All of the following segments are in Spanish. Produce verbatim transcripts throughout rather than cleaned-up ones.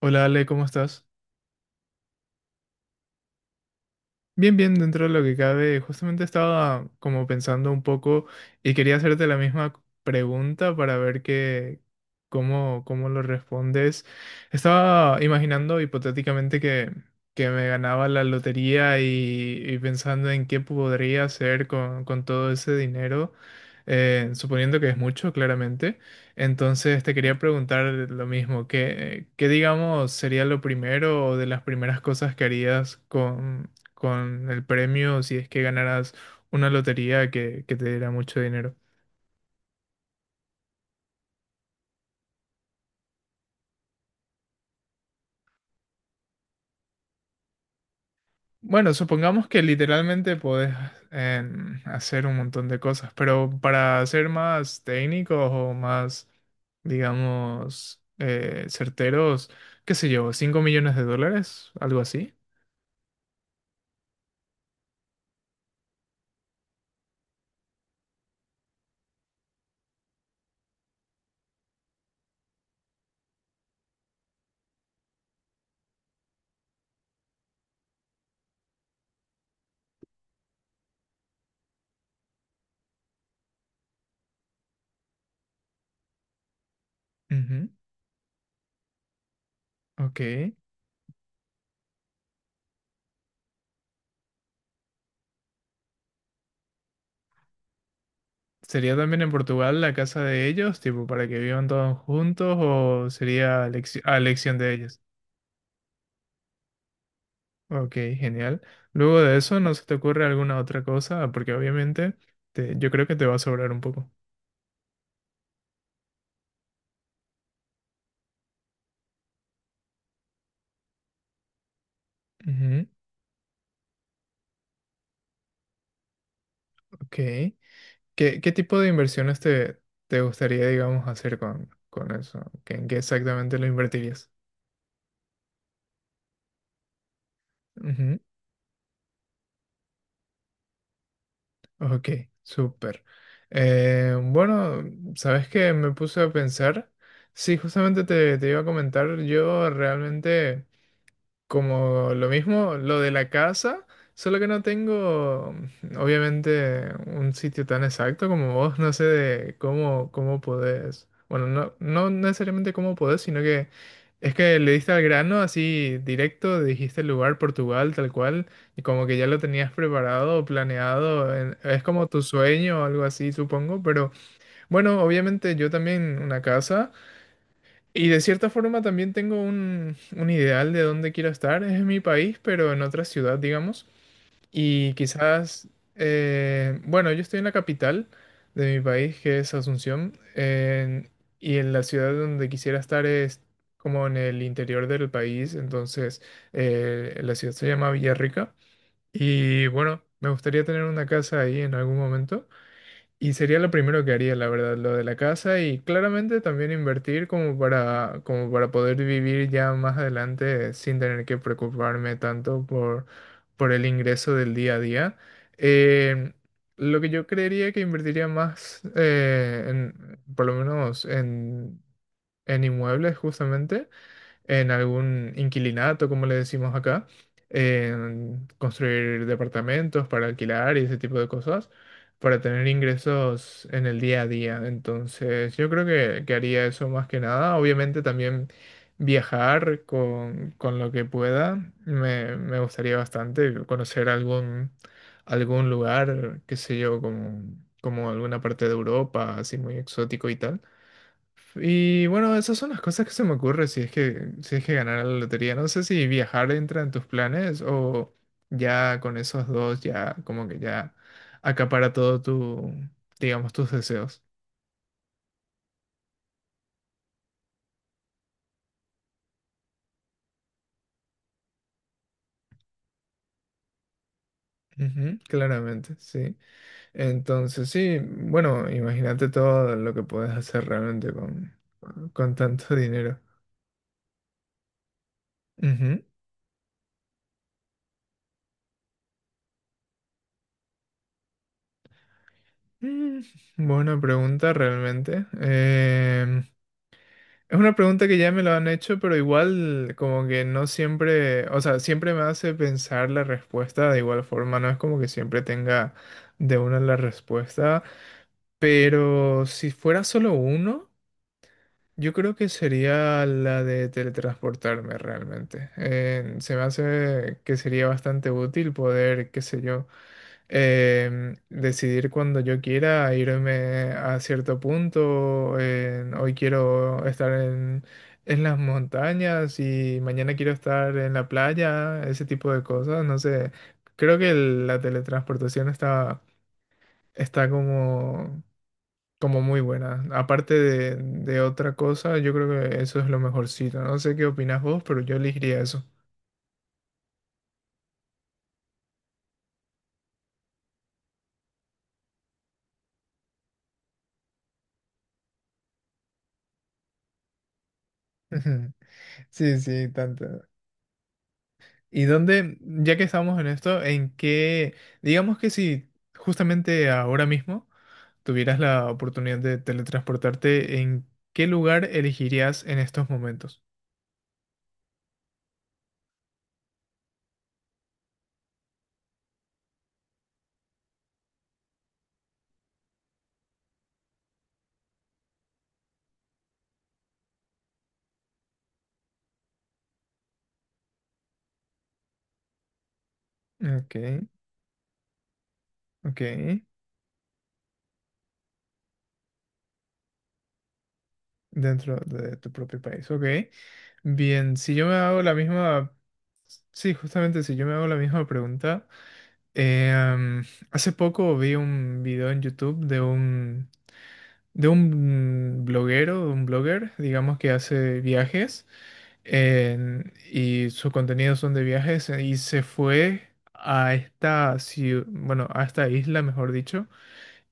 Hola Ale, ¿cómo estás? Bien, bien, dentro de lo que cabe, justamente estaba como pensando un poco y quería hacerte la misma pregunta para ver qué, cómo, cómo lo respondes. Estaba imaginando hipotéticamente que, que me ganaba la lotería y, y pensando en qué podría hacer con, con todo ese dinero, eh, suponiendo que es mucho, claramente. Entonces te quería preguntar lo mismo, ¿qué, qué digamos sería lo primero o de las primeras cosas que harías con, con el premio si es que ganaras una lotería que, que te diera mucho dinero? Bueno, supongamos que literalmente podés em, hacer un montón de cosas, pero para ser más técnicos o más, digamos, eh, certeros, qué sé yo, cinco millones de dólares, algo así. Ujú, ok. ¿Sería también en Portugal la casa de ellos, tipo, para que vivan todos juntos o sería a elecci- a elección de ellos? Ok, genial. Luego de eso, ¿no se te ocurre alguna otra cosa? Porque obviamente te- yo creo que te va a sobrar un poco. Ujú, ok. ¿Qué, qué tipo de inversiones te, te gustaría, digamos, hacer con, con eso? ¿Qué- En qué exactamente lo invertirías? Ujú, ok, súper. Eh, bueno, ¿sabes qué? Me puse a pensar. Sí, justamente te, te iba a comentar, yo realmente... Como lo mismo, lo de la casa, solo que no tengo, mm, obviamente, un sitio tan exacto como vos, no sé de cómo, cómo podés, bueno, no, no necesariamente cómo podés, sino que es que le diste al grano así directo, dijiste el lugar, Portugal, tal cual, y como que ya lo tenías preparado, planeado, en- es como tu sueño o algo así, supongo, pero bueno, obviamente yo también una casa. Y de cierta forma también tengo un, un ideal de dónde quiero estar. Es en mi país, pero en otra ciudad, digamos. Y quizás, eh, bueno, yo estoy en la capital de mi país, que es Asunción, en- y en la ciudad donde quisiera estar es como en el interior del país. Entonces, eh, la ciudad se llama Villarrica. Y bueno, me gustaría tener una casa ahí en algún momento. Y sería lo primero que haría, la verdad, lo de la casa y claramente también invertir como para, como para poder vivir ya más adelante sin tener que preocuparme tanto por, por el ingreso del día a día. Eh, lo que yo creería que invertiría más, eh, en, por lo menos en, en inmuebles justamente, en algún inquilinato, como le decimos acá, en construir departamentos para alquilar y ese tipo de cosas, para tener ingresos en el día a día. Entonces, yo creo que, que haría eso más que nada. Obviamente también viajar con, con lo que pueda, me, me gustaría bastante conocer algún, algún lugar, qué sé yo, como, como alguna parte de Europa, así muy exótico y tal. Y bueno, esas son las cosas que se me ocurre si es que, si es que ganara la lotería. No sé si viajar entra en tus planes o ya con esos dos ya como que ya acapara todo tu, digamos, tus deseos. Ujú, claramente, sí. Entonces, sí, bueno, imagínate todo lo que puedes hacer realmente con, con tanto dinero. Ujú. Mm, buena pregunta realmente. Es una pregunta que ya me lo han hecho, pero igual como que no siempre, o sea, siempre me hace pensar la respuesta de igual forma, no es como que siempre tenga de una la respuesta, pero si fuera solo uno, yo creo que sería la de teletransportarme realmente. Eh, se me hace que sería bastante útil poder, qué sé yo, em, decidir cuando yo quiera irme a cierto punto. En- hoy quiero estar en, en las montañas y mañana quiero estar en la playa, ese tipo de cosas. No sé, creo que el- la teletransportación está, está como, como muy buena. Aparte de, de otra cosa, yo creo que eso es lo mejorcito. No sé qué opinas vos, pero yo elegiría eso. Sí, sí, tanto. ¿Y dónde, ya que estamos en esto, en qué, digamos que si justamente ahora mismo tuvieras la oportunidad de teletransportarte, en qué lugar elegirías en estos momentos? Ok, ok, dentro de tu propio país, ok. Bien, si yo me hago la misma, sí, justamente si yo me hago la misma pregunta, eh, em, hace poco vi un video en YouTube de un, de un bloguero, un blogger, digamos que hace viajes. En- y sus contenidos son de viajes, eh, y se fue a esta ciu- bueno, a esta isla, mejor dicho,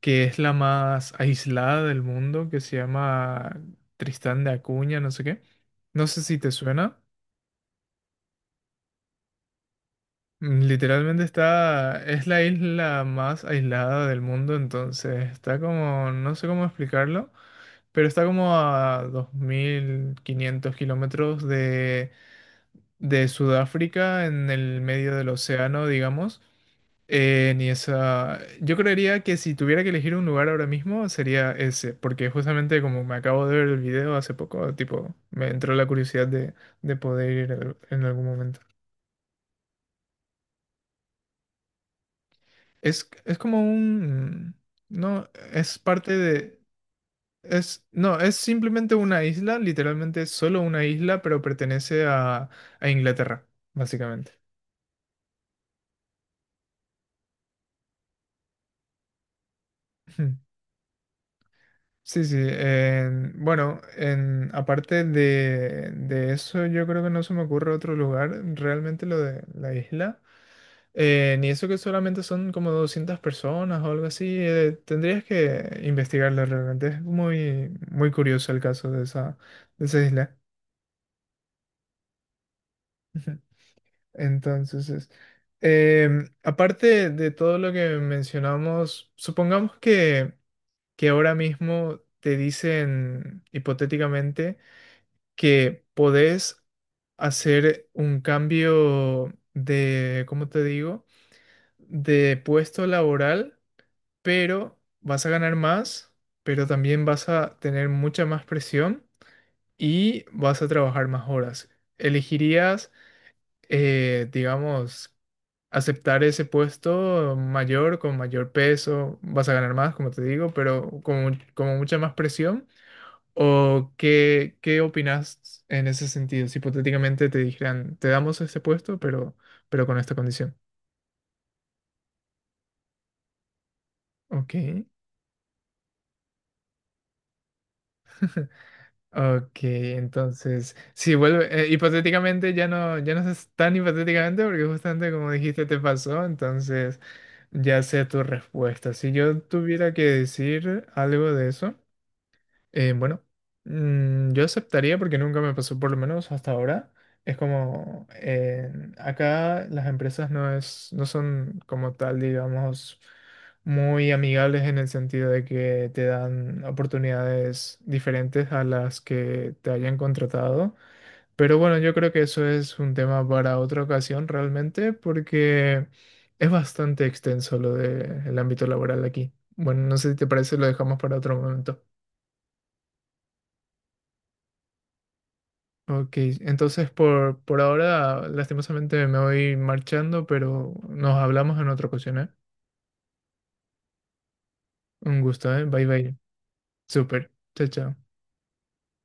que es la más aislada del mundo, que se llama Tristán de Acuña, no sé qué. No sé si te suena. Mm, Literalmente está, es la isla más aislada del mundo, entonces está como, no sé cómo explicarlo, pero está como a dos mil quinientos kilómetros de Sudáfrica en el medio del océano, digamos. Eh, ni esa. Yo creería que si tuviera que elegir un lugar ahora mismo sería ese, porque justamente como me acabo de ver el video hace poco, tipo, me entró la curiosidad de, de poder ir al- en algún momento. Es, es como un... No, es parte de... Es, no, es simplemente una isla, literalmente solo una isla, pero pertenece a, a Inglaterra, básicamente. Sí, sí. En- bueno, en, aparte de, de eso, yo creo que no se me ocurre otro lugar, realmente lo de la isla. Eh, ni eso que solamente son como doscientas personas o algo así. Eh, tendrías que investigarlo realmente. Es muy, muy curioso el caso de esa, de esa isla. Entonces, es- em, aparte de todo lo que mencionamos, supongamos que, que ahora mismo te dicen hipotéticamente que podés hacer un cambio de, ¿cómo te digo? De puesto laboral, pero vas a ganar más, pero también vas a tener mucha más presión y vas a trabajar más horas. ¿Elegirías, eh, digamos, aceptar ese puesto mayor, con mayor peso? Vas a ganar más, como te digo, pero con, con mucha más presión. ¿O qué, qué opinas en ese sentido? Si hipotéticamente te dijeran, te damos ese puesto, pero, pero con esta condición. Ok, ok, entonces, si vuelve, eh, hipotéticamente ya no, ya no es tan hipotéticamente porque justamente como dijiste te pasó, entonces ya sé tu respuesta. Si yo tuviera que decir algo de eso, Eh, bueno, mm, yo aceptaría porque nunca me pasó, por lo menos hasta ahora. Es como, eh, acá las empresas no es, no son como tal, digamos, muy amigables en el sentido de que te dan oportunidades diferentes a las que te hayan contratado. Pero bueno, yo creo que eso es un tema para otra ocasión realmente porque es bastante extenso lo del ámbito laboral aquí. Bueno, no sé si te parece, lo dejamos para otro momento. Ok, entonces por, por ahora lastimosamente me voy marchando, pero nos hablamos en otra ocasión, ¿eh? Un gusto, ¿eh? Bye bye. Súper. Chao, chao.